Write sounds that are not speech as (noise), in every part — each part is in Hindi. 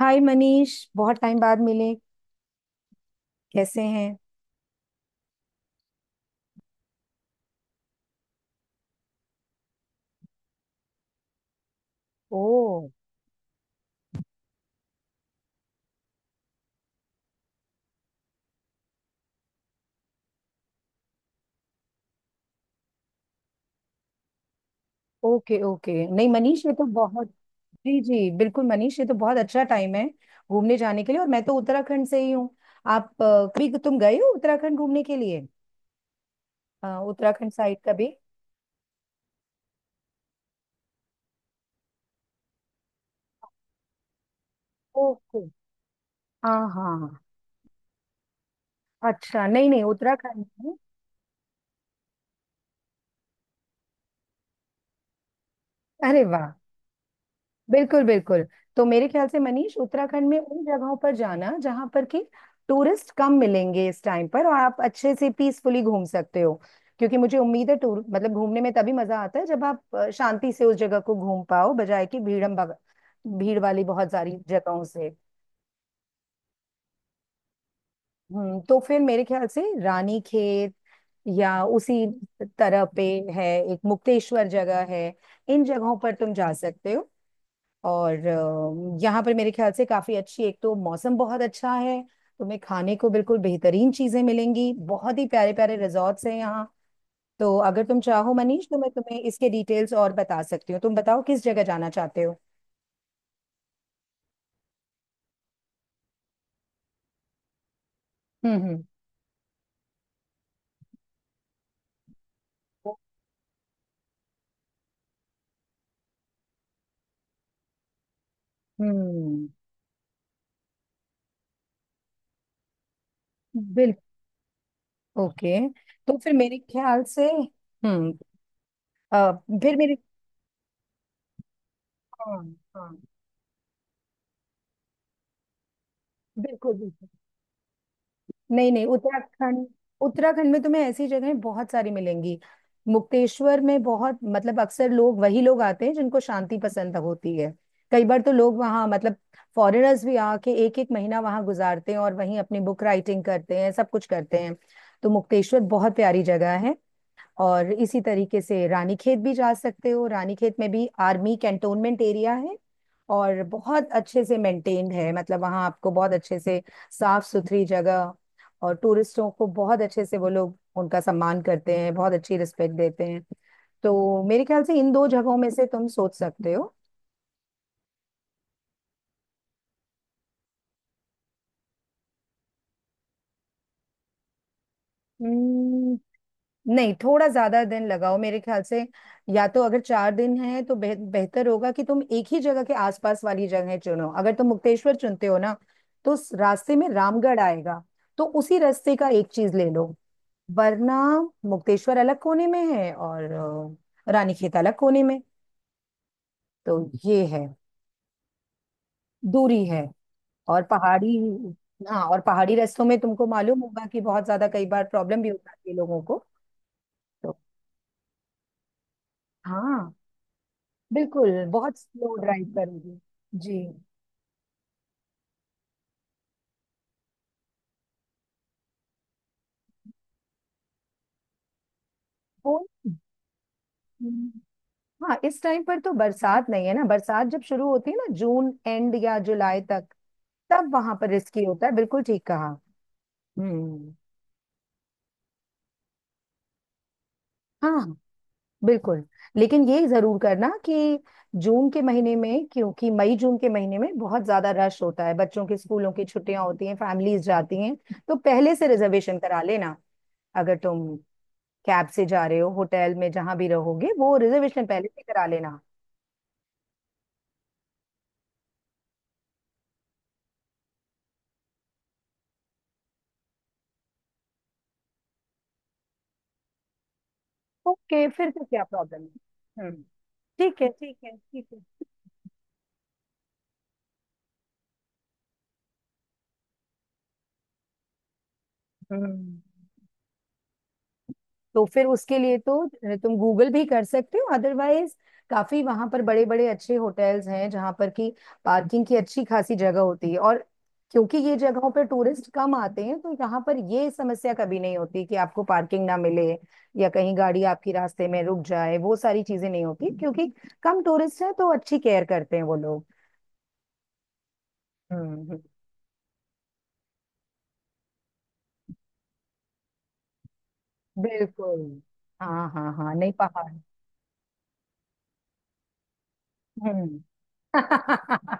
हाय मनीष, बहुत टाइम बाद मिले। कैसे हैं? ओ, ओके ओके, नहीं मनीष ये तो बहुत। जी जी बिल्कुल मनीष, ये तो बहुत अच्छा टाइम है घूमने जाने के लिए। और मैं तो उत्तराखंड से ही हूँ। आप कभी तुम गए हो उत्तराखंड घूमने के लिए? उत्तराखंड साइड कभी? ओके। हाँ हाँ। अच्छा, नहीं नहीं उत्तराखंड में- अरे वाह, बिल्कुल बिल्कुल। तो मेरे ख्याल से मनीष, उत्तराखंड में उन जगहों पर जाना जहां पर कि टूरिस्ट कम मिलेंगे इस टाइम पर, और आप अच्छे से पीसफुली घूम सकते हो। क्योंकि मुझे उम्मीद है, टूर मतलब घूमने में तभी मजा आता है जब आप शांति से उस जगह को घूम पाओ, बजाय कि भीड़म भग भीड़ वाली बहुत सारी जगहों से। हम्म, तो फिर मेरे ख्याल से रानी खेत या उसी तरह पे है, एक मुक्तेश्वर जगह है। इन जगहों पर तुम जा सकते हो। और यहाँ पर मेरे ख्याल से काफी अच्छी, एक तो मौसम बहुत अच्छा है, तुम्हें खाने को बिल्कुल बेहतरीन चीजें मिलेंगी, बहुत ही प्यारे प्यारे रिजॉर्ट्स हैं यहाँ। तो अगर तुम चाहो मनीष तो मैं तुम्हें इसके डिटेल्स और बता सकती हूँ। तुम बताओ किस जगह जाना चाहते हो। हम्म हम्म हम्म, बिल्कुल। ओके, तो फिर मेरे ख्याल से, हम्म, अ, फिर मेरे, हाँ हाँ बिल्कुल बिल्कुल। नहीं नहीं, उत्तराखंड, उत्तराखंड में तुम्हें ऐसी जगहें बहुत सारी मिलेंगी। मुक्तेश्वर में बहुत, मतलब अक्सर लोग वही लोग आते हैं जिनको शांति पसंद होती है। कई बार तो लोग वहाँ मतलब फॉरेनर्स भी आके एक एक महीना वहाँ गुजारते हैं और वहीं अपनी बुक राइटिंग करते हैं, सब कुछ करते हैं। तो मुक्तेश्वर बहुत प्यारी जगह है। और इसी तरीके से रानीखेत भी जा सकते हो। रानीखेत में भी आर्मी कैंटोनमेंट एरिया है, और बहुत अच्छे से मेंटेन्ड है। मतलब वहाँ आपको बहुत अच्छे से साफ सुथरी जगह, और टूरिस्टों को बहुत अच्छे से वो लोग उनका सम्मान करते हैं, बहुत अच्छी रिस्पेक्ट देते हैं। तो मेरे ख्याल से इन दो जगहों में से तुम सोच सकते हो। नहीं, थोड़ा ज्यादा दिन लगाओ मेरे ख्याल से। या तो अगर चार दिन है तो बेहतर होगा कि तुम एक ही जगह के आसपास वाली जगह चुनो। अगर तुम मुक्तेश्वर चुनते हो ना, तो उस रास्ते में रामगढ़ आएगा। तो उसी रास्ते का एक चीज ले लो। वरना मुक्तेश्वर अलग कोने में है, और रानीखेत अलग कोने में। तो ये है। दूरी है और पहाड़ी। हाँ, और पहाड़ी रास्तों में तुमको मालूम होगा कि बहुत ज्यादा कई बार प्रॉब्लम भी हो जाती है लोगों को। तो हाँ, बिल्कुल बहुत स्लो ड्राइव करोगे। जी। वो, हाँ इस टाइम पर तो बरसात नहीं है ना। बरसात जब शुरू होती है ना, जून एंड या जुलाई तक, तब वहां पर रिस्की होता है, बिल्कुल ठीक कहा। हम्म। हाँ, बिल्कुल। लेकिन ये जरूर करना कि जून के महीने में, क्योंकि मई जून के महीने में बहुत ज्यादा रश होता है, बच्चों के स्कूलों की छुट्टियां होती हैं, फैमिलीज जाती हैं, तो पहले से रिजर्वेशन करा लेना। अगर तुम कैब से जा रहे हो, होटल में जहां भी रहोगे, वो रिजर्वेशन पहले से करा लेना। ओके, फिर तो क्या प्रॉब्लम है। हम्म। ठीक है ठीक है ठीक है। हम्म, तो फिर उसके लिए तो तुम गूगल भी कर सकते हो अदरवाइज। काफी वहां पर बड़े बड़े अच्छे होटल्स हैं जहां पर की पार्किंग की अच्छी खासी जगह होती है। और क्योंकि ये जगहों पर टूरिस्ट कम आते हैं, तो यहाँ पर ये समस्या कभी नहीं होती कि आपको पार्किंग ना मिले या कहीं गाड़ी आपकी रास्ते में रुक जाए, वो सारी चीजें नहीं होती, क्योंकि कम टूरिस्ट हैं तो अच्छी केयर करते हैं वो लोग। हम्म हम्म। बिल्कुल। हाँ हाँ हाँ, नहीं पहाड़। हम्म। (laughs)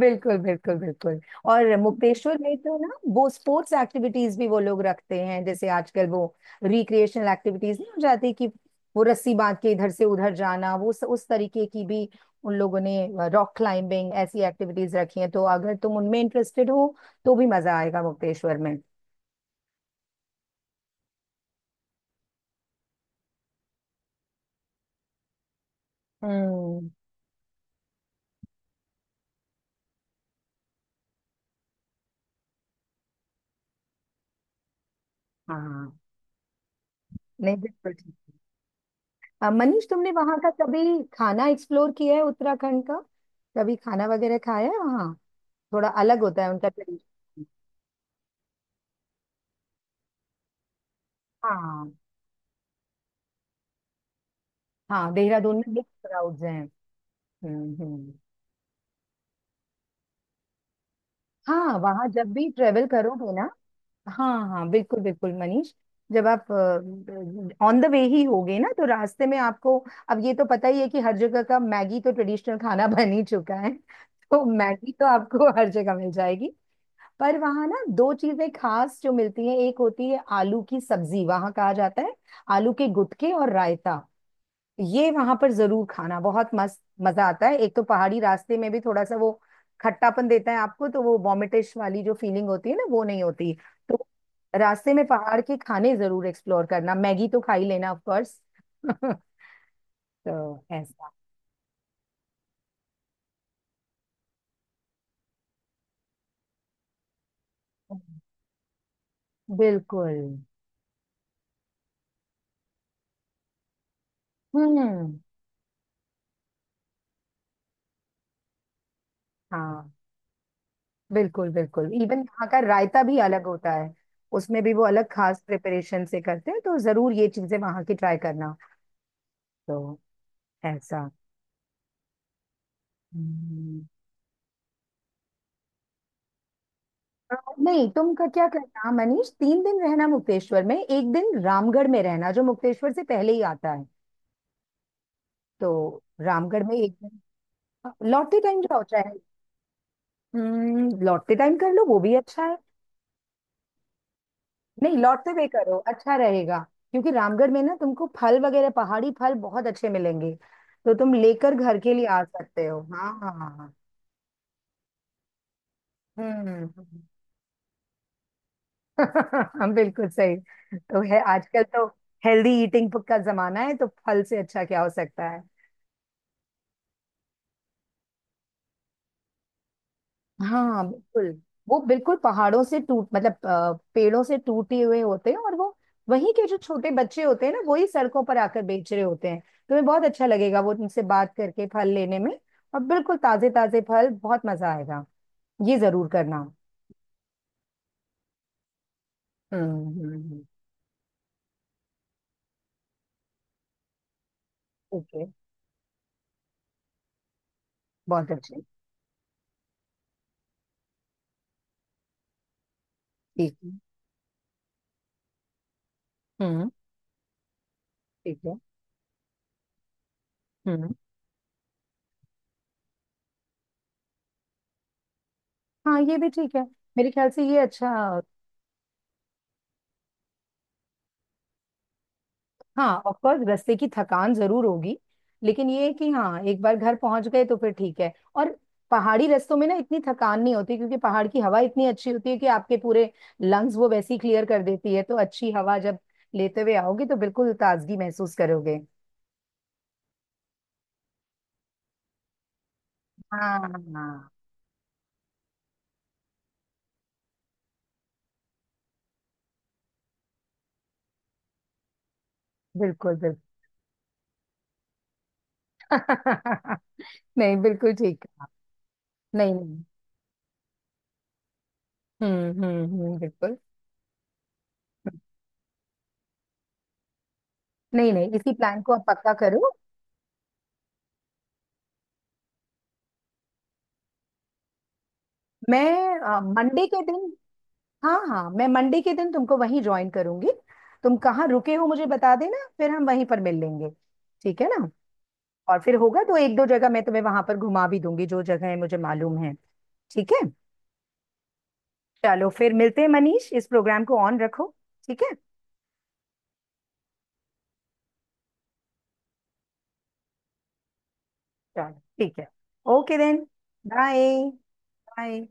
बिल्कुल बिल्कुल बिल्कुल। और मुक्तेश्वर में तो ना, वो स्पोर्ट्स एक्टिविटीज भी वो लोग रखते हैं, जैसे आजकल वो रिक्रिएशनल एक्टिविटीज नहीं हो जाती कि वो रस्सी बांध के इधर से उधर जाना, वो उस तरीके की भी उन लोगों ने रॉक क्लाइंबिंग ऐसी एक्टिविटीज रखी हैं। तो अगर तुम उनमें इंटरेस्टेड हो तो भी मजा आएगा मुक्तेश्वर में। हम्म। हाँ, नहीं बिल्कुल ठीक है। मनीष, तुमने वहां का कभी खाना एक्सप्लोर किया है उत्तराखंड का? कभी खाना वगैरह खाया है वहाँ? थोड़ा अलग होता है उनका ट्रेडिशन। हाँ हाँ, देहरादून में मिक्स क्राउड्स हैं। हम्म। हाँ वहाँ जब भी ट्रेवल करोगे ना, हाँ हाँ बिल्कुल बिल्कुल मनीष, जब आप ऑन द वे ही होगे ना तो रास्ते में आपको, अब ये तो पता ही है कि हर जगह का मैगी तो ट्रेडिशनल खाना बन ही चुका है, तो मैगी तो आपको हर जगह मिल जाएगी। पर वहाँ ना दो चीजें खास जो मिलती हैं, एक होती है आलू की सब्जी, वहाँ कहा जाता है आलू के गुटके, और रायता। ये वहां पर जरूर खाना, बहुत मस्त मजा आता है। एक तो पहाड़ी रास्ते में भी थोड़ा सा वो खट्टापन देता है आपको, तो वो वॉमिटिश वाली जो फीलिंग होती है ना, वो नहीं होती। तो रास्ते में पहाड़ के खाने जरूर एक्सप्लोर करना, मैगी तो खा ही लेना ऑफ कोर्स। (laughs) तो ऐसा। बिल्कुल। हम्म। हाँ बिल्कुल बिल्कुल, इवन यहाँ का रायता भी अलग होता है। उसमें भी वो अलग खास प्रिपरेशन से करते हैं, तो जरूर ये चीजें वहां की ट्राई करना। तो ऐसा। हम्म, नहीं तुम का क्या करना मनीष, तीन दिन रहना मुक्तेश्वर में, एक दिन रामगढ़ में रहना जो मुक्तेश्वर से पहले ही आता है। तो रामगढ़ में एक दिन लौटते टाइम जाओ चाहे। लौटते टाइम कर लो, वो भी अच्छा है। नहीं, लौटते हुए करो अच्छा रहेगा, क्योंकि रामगढ़ में ना तुमको फल वगैरह पहाड़ी फल बहुत अच्छे मिलेंगे। तो तुम लेकर घर के लिए आ सकते हो। हाँ हाँ हाँ हाँ। हम्म। (laughs) बिल्कुल सही। तो है आजकल तो हेल्दी ईटिंग का जमाना है, तो फल से अच्छा क्या हो सकता है। हाँ बिल्कुल। वो बिल्कुल पहाड़ों से टूट, मतलब पेड़ों से टूटे हुए होते हैं, और वो वहीं के जो छोटे बच्चे होते हैं ना, वही सड़कों पर आकर बेच रहे होते हैं। तुम्हें बहुत अच्छा लगेगा वो तुमसे बात करके फल लेने में। और बिल्कुल ताजे ताजे फल, बहुत मजा आएगा। ये जरूर करना। हम्म हम्म हम्म, ठीक है। बहुत अच्छे। ठीक है। हम्म। ठीक है। हम्म। हाँ ये भी ठीक है, मेरे ख्याल से ये अच्छा। हाँ ऑफ कोर्स रास्ते की थकान जरूर होगी, लेकिन ये है कि हाँ एक बार घर पहुंच गए तो फिर ठीक है। और पहाड़ी रास्तों में ना इतनी थकान नहीं होती, क्योंकि पहाड़ की हवा इतनी अच्छी होती है कि आपके पूरे लंग्स वो वैसी क्लियर कर देती है। तो अच्छी हवा जब लेते हुए आओगे तो बिल्कुल ताजगी महसूस करोगे। हाँ हाँ बिल्कुल बिल्कुल। (laughs) नहीं बिल्कुल ठीक है। नहीं नहीं। बिल्कुल। नहीं नहीं, इसी प्लान को आप पक्का करो। मैं मंडे के दिन, हाँ हाँ, मैं मंडे के दिन तुमको वहीं ज्वाइन करूंगी। तुम कहाँ रुके हो मुझे बता देना, फिर हम वहीं पर मिल लेंगे। ठीक है ना? और फिर होगा तो एक दो जगह मैं तुम्हें वहां पर घुमा भी दूंगी, जो जगह मुझे मालूम है। ठीक है। चलो फिर मिलते हैं मनीष, इस प्रोग्राम को ऑन रखो। ठीक है। चलो ठीक है। Okay then. बाय। बाय।